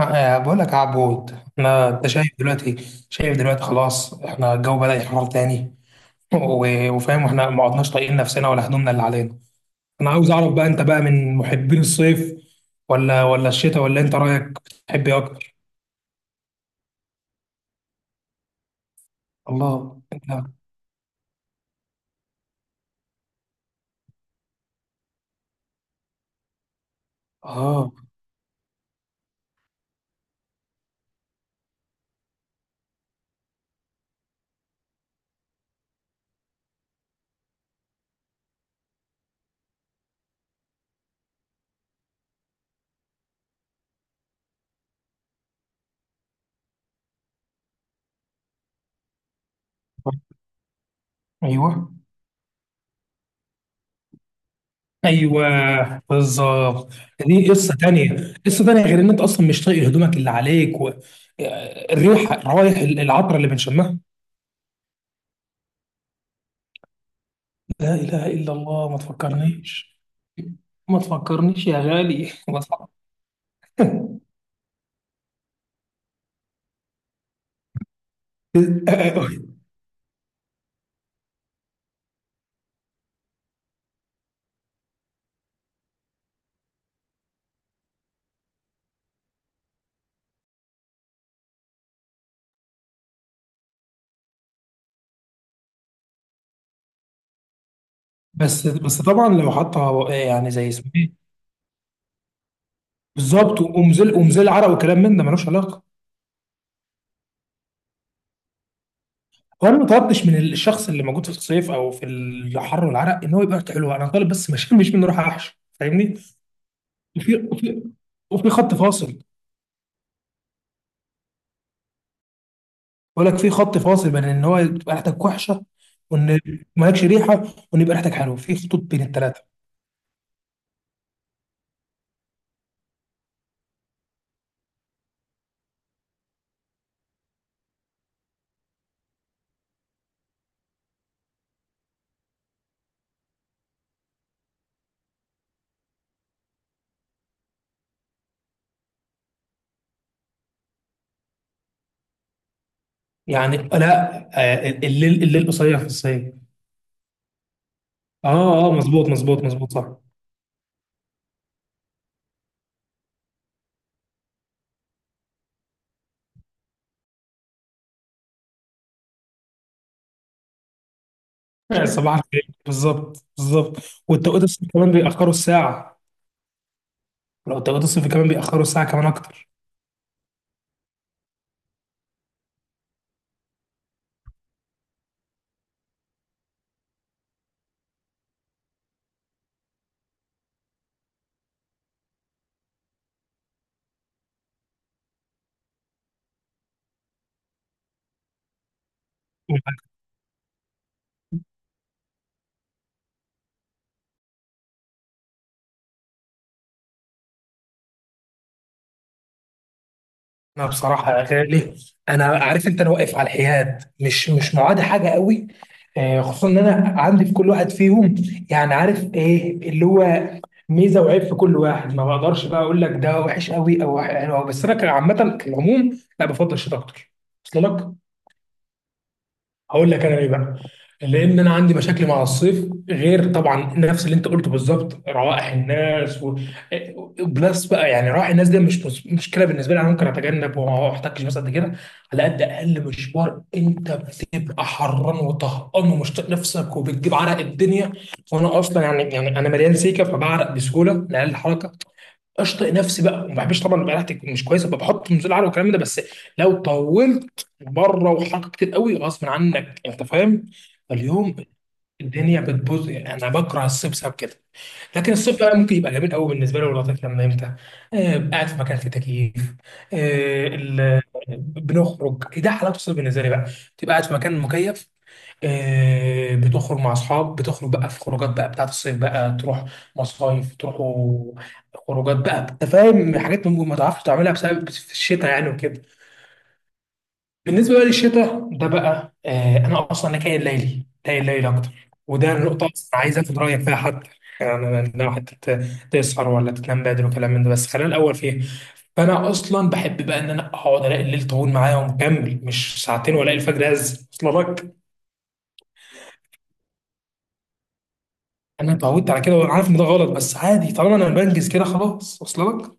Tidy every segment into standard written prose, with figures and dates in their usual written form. بقول لك يا عبود احنا انت شايف دلوقتي شايف دلوقتي خلاص. احنا الجو بدأ يحرر تاني، و- وفاهم احنا ما عدناش طايقين نفسنا ولا هدومنا اللي علينا. انا عاوز اعرف بقى انت بقى من محبين الصيف ولا الشتاء، ولا انت رأيك بتحب ايه اكتر؟ الله انت. اه، ايوه، ايوه بالظبط. دي قصه تانية، قصه تانية غير ان انت اصلا مش طايق هدومك اللي عليك الريحه، الروايح، العطر اللي بنشمها. لا إله إلا الله، ما تفكرنيش، ما تفكرنيش يا غالي ما تفكرنيش. بس بس طبعا لو حطها يعني زي اسمه ايه. بالظبط، ومزل ومزل عرق وكلام من ده ملوش علاقه. وانا ما طلبتش من الشخص اللي موجود في الصيف او في الحر والعرق ان هو يبقى ريحته حلوه، انا طالب بس مش منه راح احشي، فاهمني؟ وفي وفي خط فاصل. بقول لك في خط فاصل بين ان هو تبقى ريحتك وحشه، وان مالكش ريحه، وان يبقى ريحتك حلوه. في خطوط بين الثلاثه. يعني لا، الليل، الليل قصير في الصعيد. اه اه، مظبوط، مظبوط، مظبوط، صح. صباح الخير، بالظبط بالظبط. والتوقيت الصيفي كمان بيأخروا الساعة. لو التوقيت الصيفي كمان بيأخروا الساعة كمان أكتر. أنا بصراحة يا غالي، أنا عارف أنت، أنا واقف على الحياد، مش معادي حاجة قوي. خصوصا إن أنا عندي في كل واحد فيهم يعني، عارف إيه اللي هو، ميزة وعيب في كل واحد. ما بقدرش بقى أقول لك ده وحش قوي أو حلو أوي. بس أنا كعامة، كالعموم، لا بفضل الشتاء أكتر. وصل لك؟ هقول لك انا ايه بقى. لان انا عندي مشاكل مع الصيف، غير طبعا نفس اللي انت قلته بالظبط، روائح الناس بلس بقى. يعني روائح الناس دي مشكله بالنسبه لي. انا ممكن اتجنب وما احتكش، بس قد كده. على قد اقل مشوار انت بتبقى حران وطهقان ومش طايق نفسك وبتجيب عرق الدنيا. وانا اصلا يعني انا مليان سيكه، فبعرق بسهوله لاقل حركه. اشطئ نفسي بقى، وما بحبش طبعا يبقى ريحتي تكون مش كويسه، بحط نزول على والكلام ده. بس لو طولت بره وحركت كتير قوي غصب عنك، انت فاهم؟ فاليوم الدنيا بتبوظ. يعني انا بكره الصيف بسبب كده. لكن الصيف بقى ممكن يبقى جميل قوي بالنسبه لي، واللطيف لما يمتع. قاعد في مكان فيه تكييف. آه، ال- آه، بنخرج، ده حلاوه الصيف بالنسبه لي بقى. تبقى قاعد في مكان مكيف، بتخرج مع اصحاب، بتخرج بقى في خروجات بقى بتاعت الصيف بقى. تروح مصايف، تروحوا خروجات بقى، انت فاهم، حاجات ممكن ما تعرفش تعملها بسبب في الشتاء يعني وكده. بالنسبه بقى للشتاء ده بقى، آه انا اصلا انا كائن ليلي، كائن ليلي اكتر، وده النقطه اصلا عايز اخد رايك فيها حتى. يعني لو حتى تسهر ولا تنام بدري وكلام من ده. بس خلينا الاول فيه. فانا اصلا بحب بقى ان انا اقعد الاقي الليل طويل معايا ومكمل مش ساعتين، والاقي الفجر هز. وصل لك؟ انا اتعودت على كده، وعارف ان ده غلط، بس عادي طالما انا بنجز كده خلاص. وصل لك؟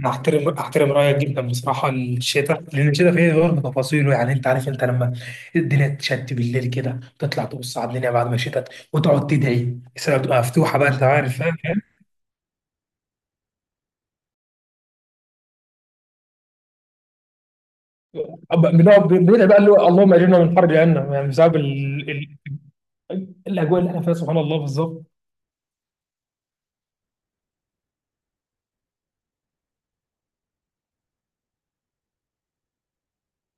انا احترم رايك جدا بصراحه. الشتاء، لان الشتاء فيه برضه تفاصيله يعني. انت عارف انت لما الدنيا تشد بالليل كده، تطلع تبص على الدنيا بعد ما شتت، وتقعد تدعي، السماء بتبقى مفتوحه بقى، انت عارف فاهم. بنقعد بندعي بقى اللي هو اللهم اجرنا من حر جهنم، يعني بسبب الاجواء اللي احنا فيها، سبحان الله، بالظبط.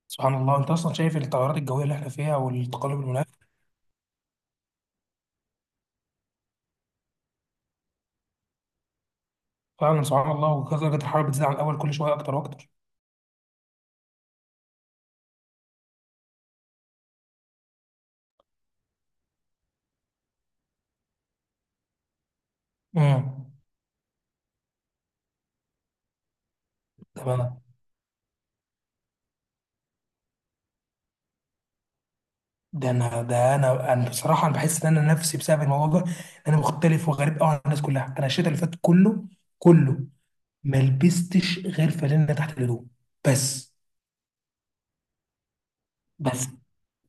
سبحان الله، انت اصلا شايف التغيرات الجويه اللي احنا فيها والتقلب المناخ. فعلا سبحان الله، ودرجه الحراره بتزيد عن الاول كل شويه اكتر واكتر. امم تمام. ده انا ده انا انا بصراحه انا بحس ان انا نفسي بسبب الموضوع ده انا مختلف وغريب قوي عن الناس كلها. انا الشتاء اللي فات كله ما لبستش غير فانلة تحت الهدوم. بس بس.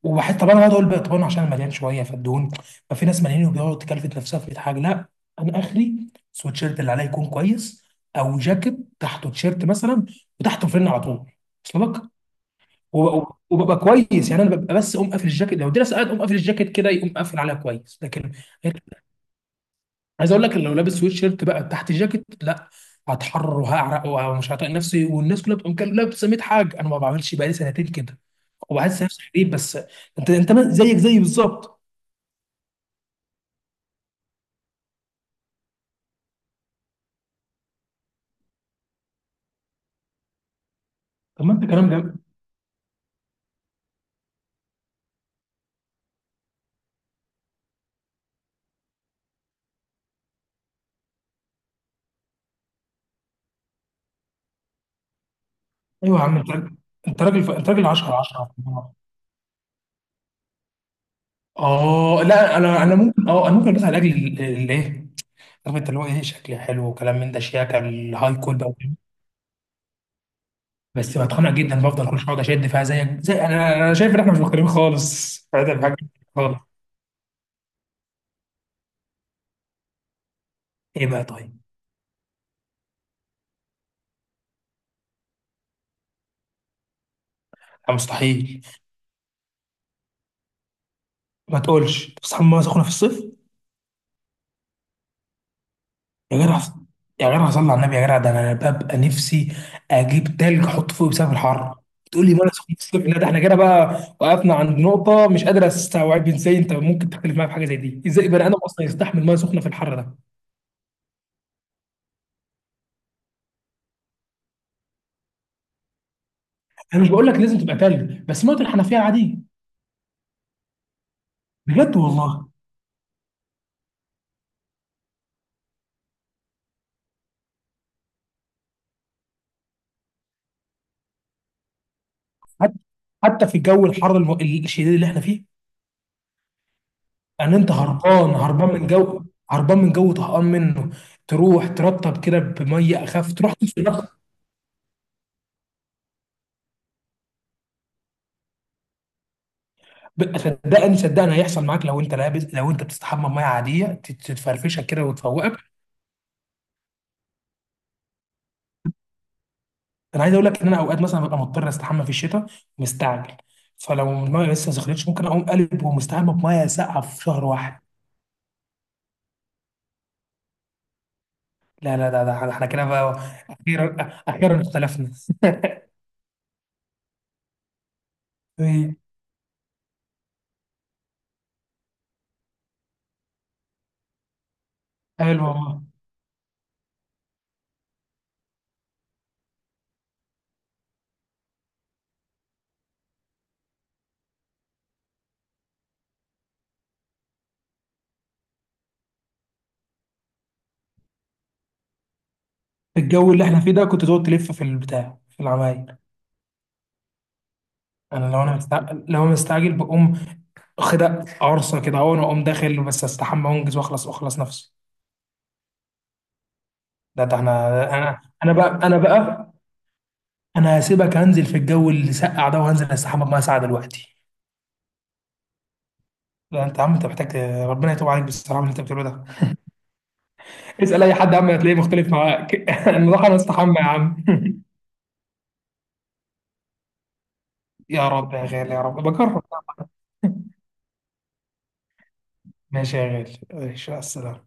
وبحس طب انا اقعد اقول بقى طب انا عشان مليان شويه فالدهون. ففي ناس مليانين وبيقعدوا تكلفت نفسها في ميت حاجه. لا، انا اخري سويتشيرت اللي عليا يكون كويس، او جاكيت تحته تيشيرت مثلا، وتحته فن على طول. وصل لك؟ وب- وببقى كويس يعني. انا ببقى بس اقوم قافل الجاكيت لو الدنيا ساقعه، اقوم قافل الجاكيت كده يقوم قافل عليها كويس. لكن عايز اقول لك إن لو لابس سويت شيرت بقى تحت جاكيت، لا، هتحرر وهعرق ومش هطيق نفسي. والناس كلها بتقوم كده لابسه ميت حاجه، انا ما بعملش بقالي سنتين كده. وبحس نفسي غريب، بس انت انت زيك زيي بالظبط. طب ما انت كلام جميل. ايوه يا عم، انت راجل، انت راجل 10/10. اه لا، انا انا ممكن، اه انا ممكن البسها لاجل ايه، عارف انت اللي هو ايه، شكلي حلو وكلام من ده، شياكه الهاي كول بقى وكده. بس بتخانق جدا، بفضل كل شويه اقعد اشد فيها. زيك زي انا، انا شايف ان احنا مش مختلفين خالص، فده حاجه خالص. ايه بقى طيب؟ لا مستحيل. ما تقولش أنت بتصحى من ميه سخنه في الصيف. يا جدع، يا جدع صلي على النبي، يا جدع ده انا ببقى نفسي اجيب تلج احط فوقي بسبب الحر، تقول لي ميه سخنه في الصيف؟ لا ده احنا كده بقى وقفنا عند نقطه. مش قادر استوعب ازاي انت ممكن تختلف معايا في حاجه زي دي، ازاي بني ادم اصلا يستحمل ميه سخنه في الحر ده. انا مش بقول لك لازم تبقى تلج، بس ميه الحنفيه عاديه. بجد والله؟ حتى، حتى في الجو الحر الشديد اللي احنا فيه، ان انت هربان من جو، هربان من جو طهقان منه، تروح ترطب كده بميه اخف، تروح تسقي نفسك. صدقني، صدقني هيحصل معاك، لو انت لابس، لو انت بتستحمى بميه عاديه، تتفرفشك كده وتفوقك. انا عايز اقول لك ان انا اوقات مثلا ببقى مضطر استحمى في الشتاء مستعجل، فلو الميه لسه ما سخنتش، ممكن اقوم قلب ومستحمى بميه ساقعه في شهر واحد. لا لا لا، ده احنا كده بقى، اخيرا، اخيرا اختلفنا. إيه، حلو والله. الجو اللي احنا فيه ده كنت تقعد تلف في البتاع في العمايل؟ انا لو انا مستعجل، لو انا مستعجل بقوم واخدها عرصه كده، اهو انا اقوم داخل بس استحمى وانجز واخلص واخلص نفسي. لا ده احنا، انا بقى انا هسيبك هنزل في الجو اللي سقع ده وهنزل استحمى بميه ساقعه دلوقتي. لا انت يا عم، انت محتاج ربنا يتوب عليك بصراحه من اللي انت بتقوله ده. اسال اي حد يا عم هتلاقيه مختلف معاك. انا راح استحمى يا عم. يا رب يا غالي، يا رب بجرب. ماشي يا غالي، ماشي، السلام.